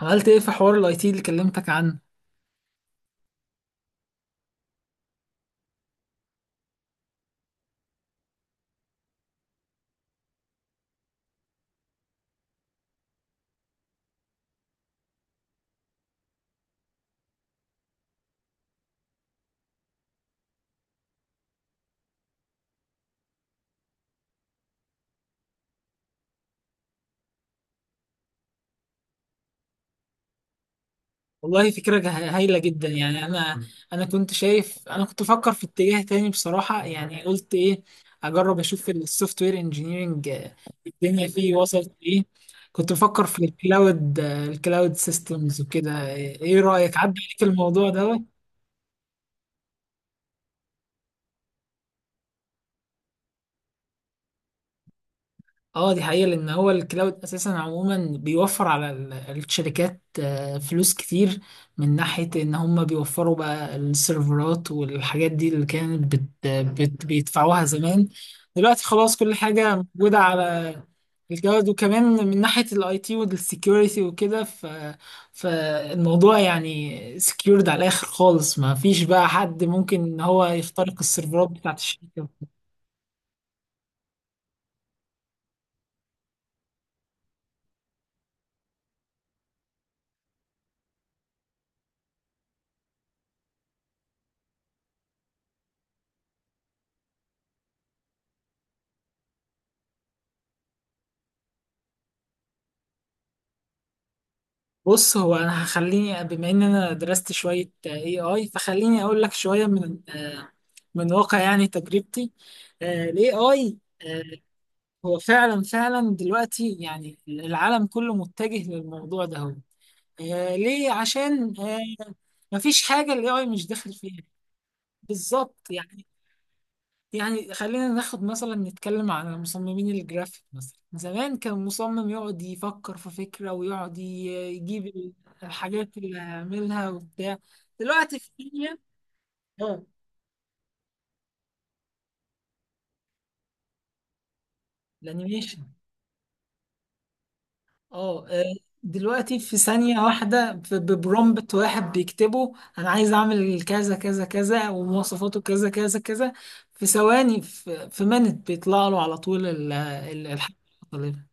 عملت ايه في حوار الاي تي اللي كلمتك عنه؟ والله فكرة هايلة جدا. يعني انا كنت شايف، انا كنت بفكر في اتجاه تاني بصراحة. يعني قلت ايه، اجرب اشوف السوفت وير انجينيرنج، الدنيا فيه وصلت ايه. كنت بفكر في الكلاود، الكلاود سيستمز وكده. ايه رأيك، عدى عليك الموضوع ده؟ اه، دي حقيقة، لأن هو الكلاود أساسا عموما بيوفر على الشركات فلوس كتير، من ناحية إن هم بيوفروا بقى السيرفرات والحاجات دي اللي كانت بت بيدفعوها زمان. دلوقتي خلاص كل حاجة موجودة على الكلاود. وكمان من ناحية الاي تي والسكيورتي وكده. فالموضوع يعني سكيورد على الآخر خالص، ما فيش بقى حد ممكن إن هو يخترق السيرفرات بتاعت الشركة. بص، هو انا هخليني، بما ان انا درست شويه اي اي، فخليني اقول لك شويه من من واقع يعني تجربتي. الاي اي هو فعلا فعلا دلوقتي يعني العالم كله متجه للموضوع ده. هو ليه؟ عشان مفيش حاجه الاي اي مش داخل فيها. بالظبط يعني. يعني خلينا ناخد مثلا، نتكلم على مصممين الجرافيك مثلا. زمان كان مصمم يقعد يفكر في فكرة ويقعد يجيب الحاجات اللي هيعملها وبتاع. دلوقتي في ثانية. اه، الانيميشن. اه دلوقتي في ثانية واحدة ببرومبت واحد بيكتبه، أنا عايز أعمل كذا كذا كذا ومواصفاته كذا كذا كذا. في ثواني، في منت بيطلع له على طول الحاجة اللي طالبها.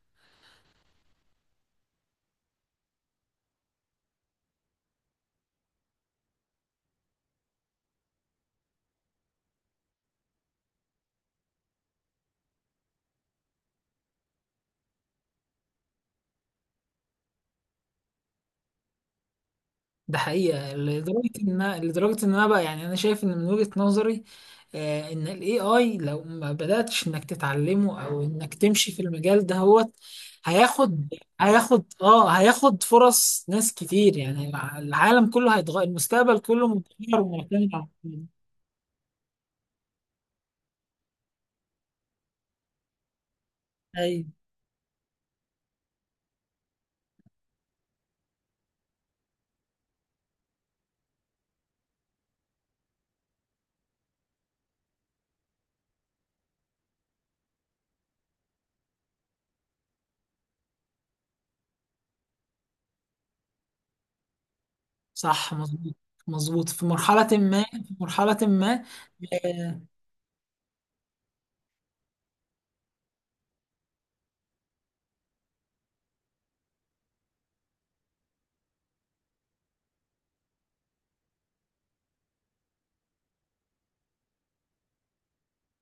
ده حقيقة، لدرجة ان انا بقى يعني انا شايف ان من وجهة نظري، ان الاي اي لو ما بدأتش انك تتعلمه او انك تمشي في المجال ده، هو هياخد هياخد فرص ناس كتير يعني. العالم كله هيتغير، المستقبل كله متغير ومعتمد على اي. صح، مظبوط. مظبوط في مرحلة ما، في مرحلة ما. آه،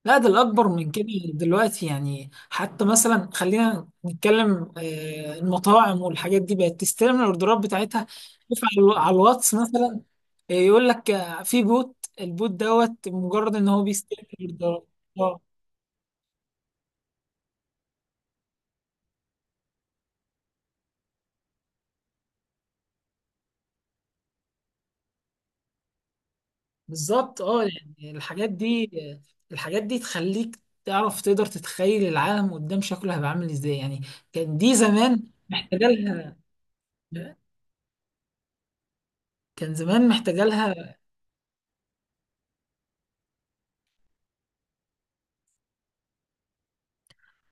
لا، ده الأكبر من كده. دلوقتي يعني حتى مثلا، خلينا نتكلم، المطاعم والحاجات دي بقت تستلم الأوردرات بتاعتها. شوف على الواتس مثلا. يقول لك في بوت، البوت دوت مجرد إن هو بيستلم الأوردرات. اه، بالظبط. اه يعني الحاجات دي، الحاجات دي تخليك تعرف تقدر تتخيل العالم قدام شكله هيبقى عامل ازاي يعني. كان دي زمان محتاجة لها، كان زمان محتاجة لها.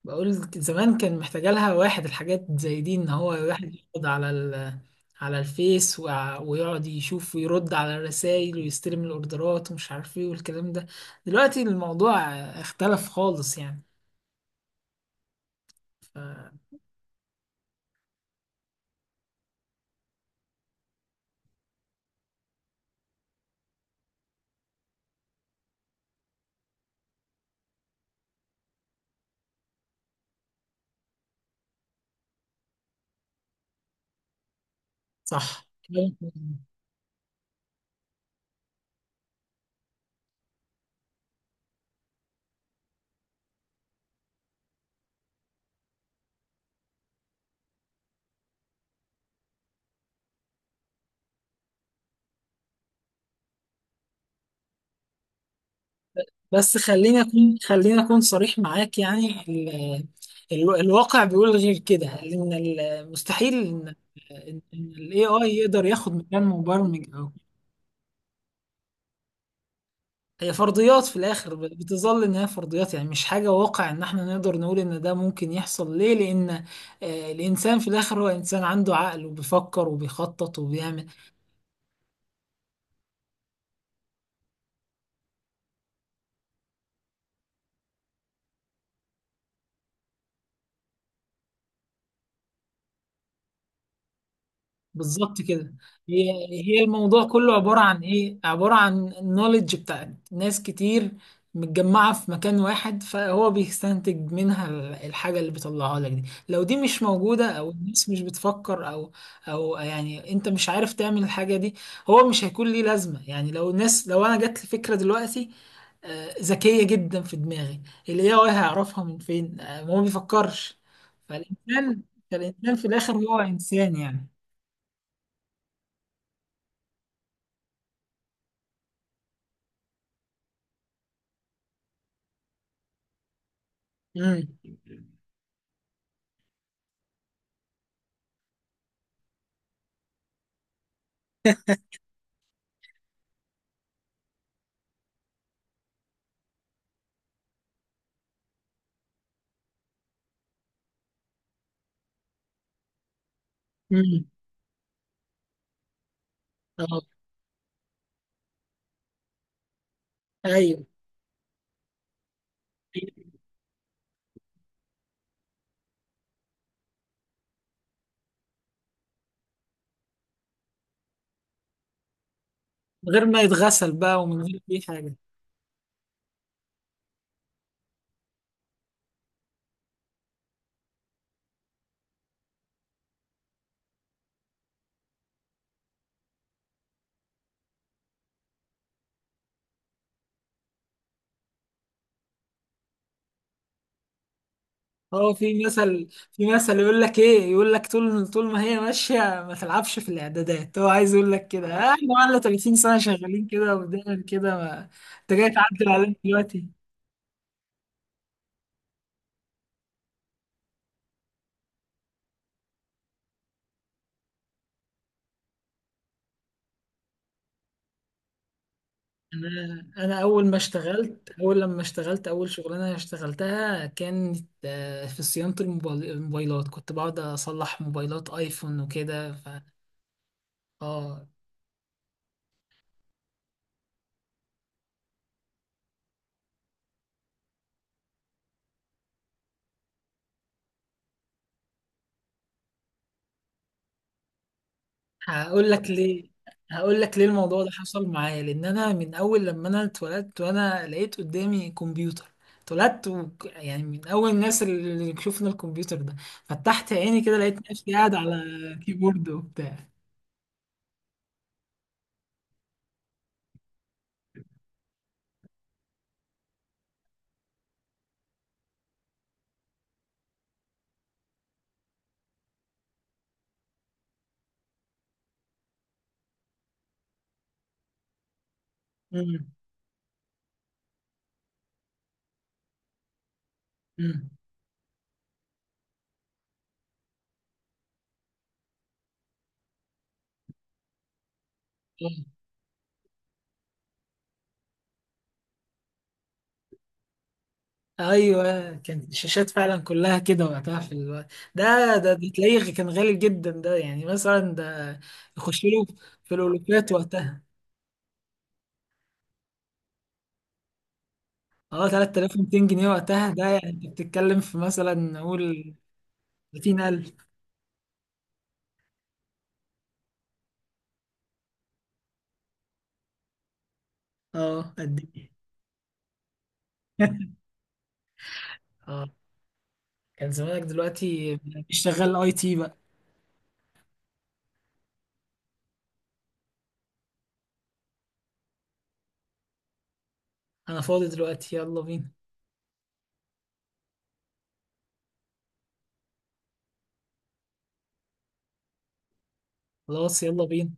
بقول زمان كان محتاجة لها واحد، الحاجات زي دي ان هو واحد يقعد على على الفيس، ويقعد يشوف ويرد على الرسائل ويستلم الاوردرات ومش عارف ايه والكلام ده. دلوقتي الموضوع اختلف خالص يعني. ف- صح. بس خليني اكون صريح معاك. يعني الواقع بيقول غير كده، ان مستحيل ان الاي اي يقدر ياخد مكان مبرمج. هي فرضيات، في الاخر بتظل ان هي فرضيات. يعني مش حاجه واقع ان احنا نقدر نقول ان ده ممكن يحصل. ليه؟ لان الانسان في الاخر هو انسان، عنده عقل وبيفكر وبيخطط وبيعمل. بالظبط كده. هي الموضوع كله عبارة عن ايه؟ عبارة عن النوليدج بتاعت ناس كتير متجمعة في مكان واحد، فهو بيستنتج منها الحاجة اللي بيطلعها لك دي. لو دي مش موجودة او الناس مش بتفكر، او يعني انت مش عارف تعمل الحاجة دي، هو مش هيكون ليه لازمة. يعني لو الناس، لو انا جات لي فكرة دلوقتي ذكية جدا في دماغي، اللي هي هيعرفها من فين؟ ما هو بيفكرش. فالإنسان فالإنسان في الآخر هو إنسان يعني. مم. امم. اه. ايوه. من غير ما يتغسل بقى ومن غير اي حاجه. هو في مثل يقول لك ايه، يقول لك طول طول ما هي ماشيه ما تلعبش في الاعدادات. هو عايز يقول لك كده، احنا بقالنا 30 سنه شغالين كده ودايما كده ما... انت جاي تعدل علينا دلوقتي. انا انا اول ما اشتغلت اول لما اشتغلت اول شغلانه اشتغلتها كانت في صيانه الموبايلات. كنت بقعد اصلح موبايلات ايفون وكده. ف اه هقول لك ليه هقول لك ليه الموضوع ده حصل معايا. لان انا من اول لما انا اتولدت وانا لقيت قدامي كمبيوتر. يعني من اول الناس اللي شفنا الكمبيوتر ده. فتحت عيني كده لقيت نفسي قاعد على كيبورد وبتاع. امم. امم. ايوه. كانت الشاشات فعلا كلها كده وقتها في الوقت ده. ده تلاقيه كان غالي جدا. ده يعني مثلا ده يخش له في الالوفات وقتها. اه، 3200 جنيه وقتها، ده يعني انت بتتكلم في مثلا نقول 30,000. اه، قد ايه! اه كان زمانك دلوقتي مش شغال اي تي بقى. انا فاضي دلوقتي، يلا بينا. خلاص، يلا بينا.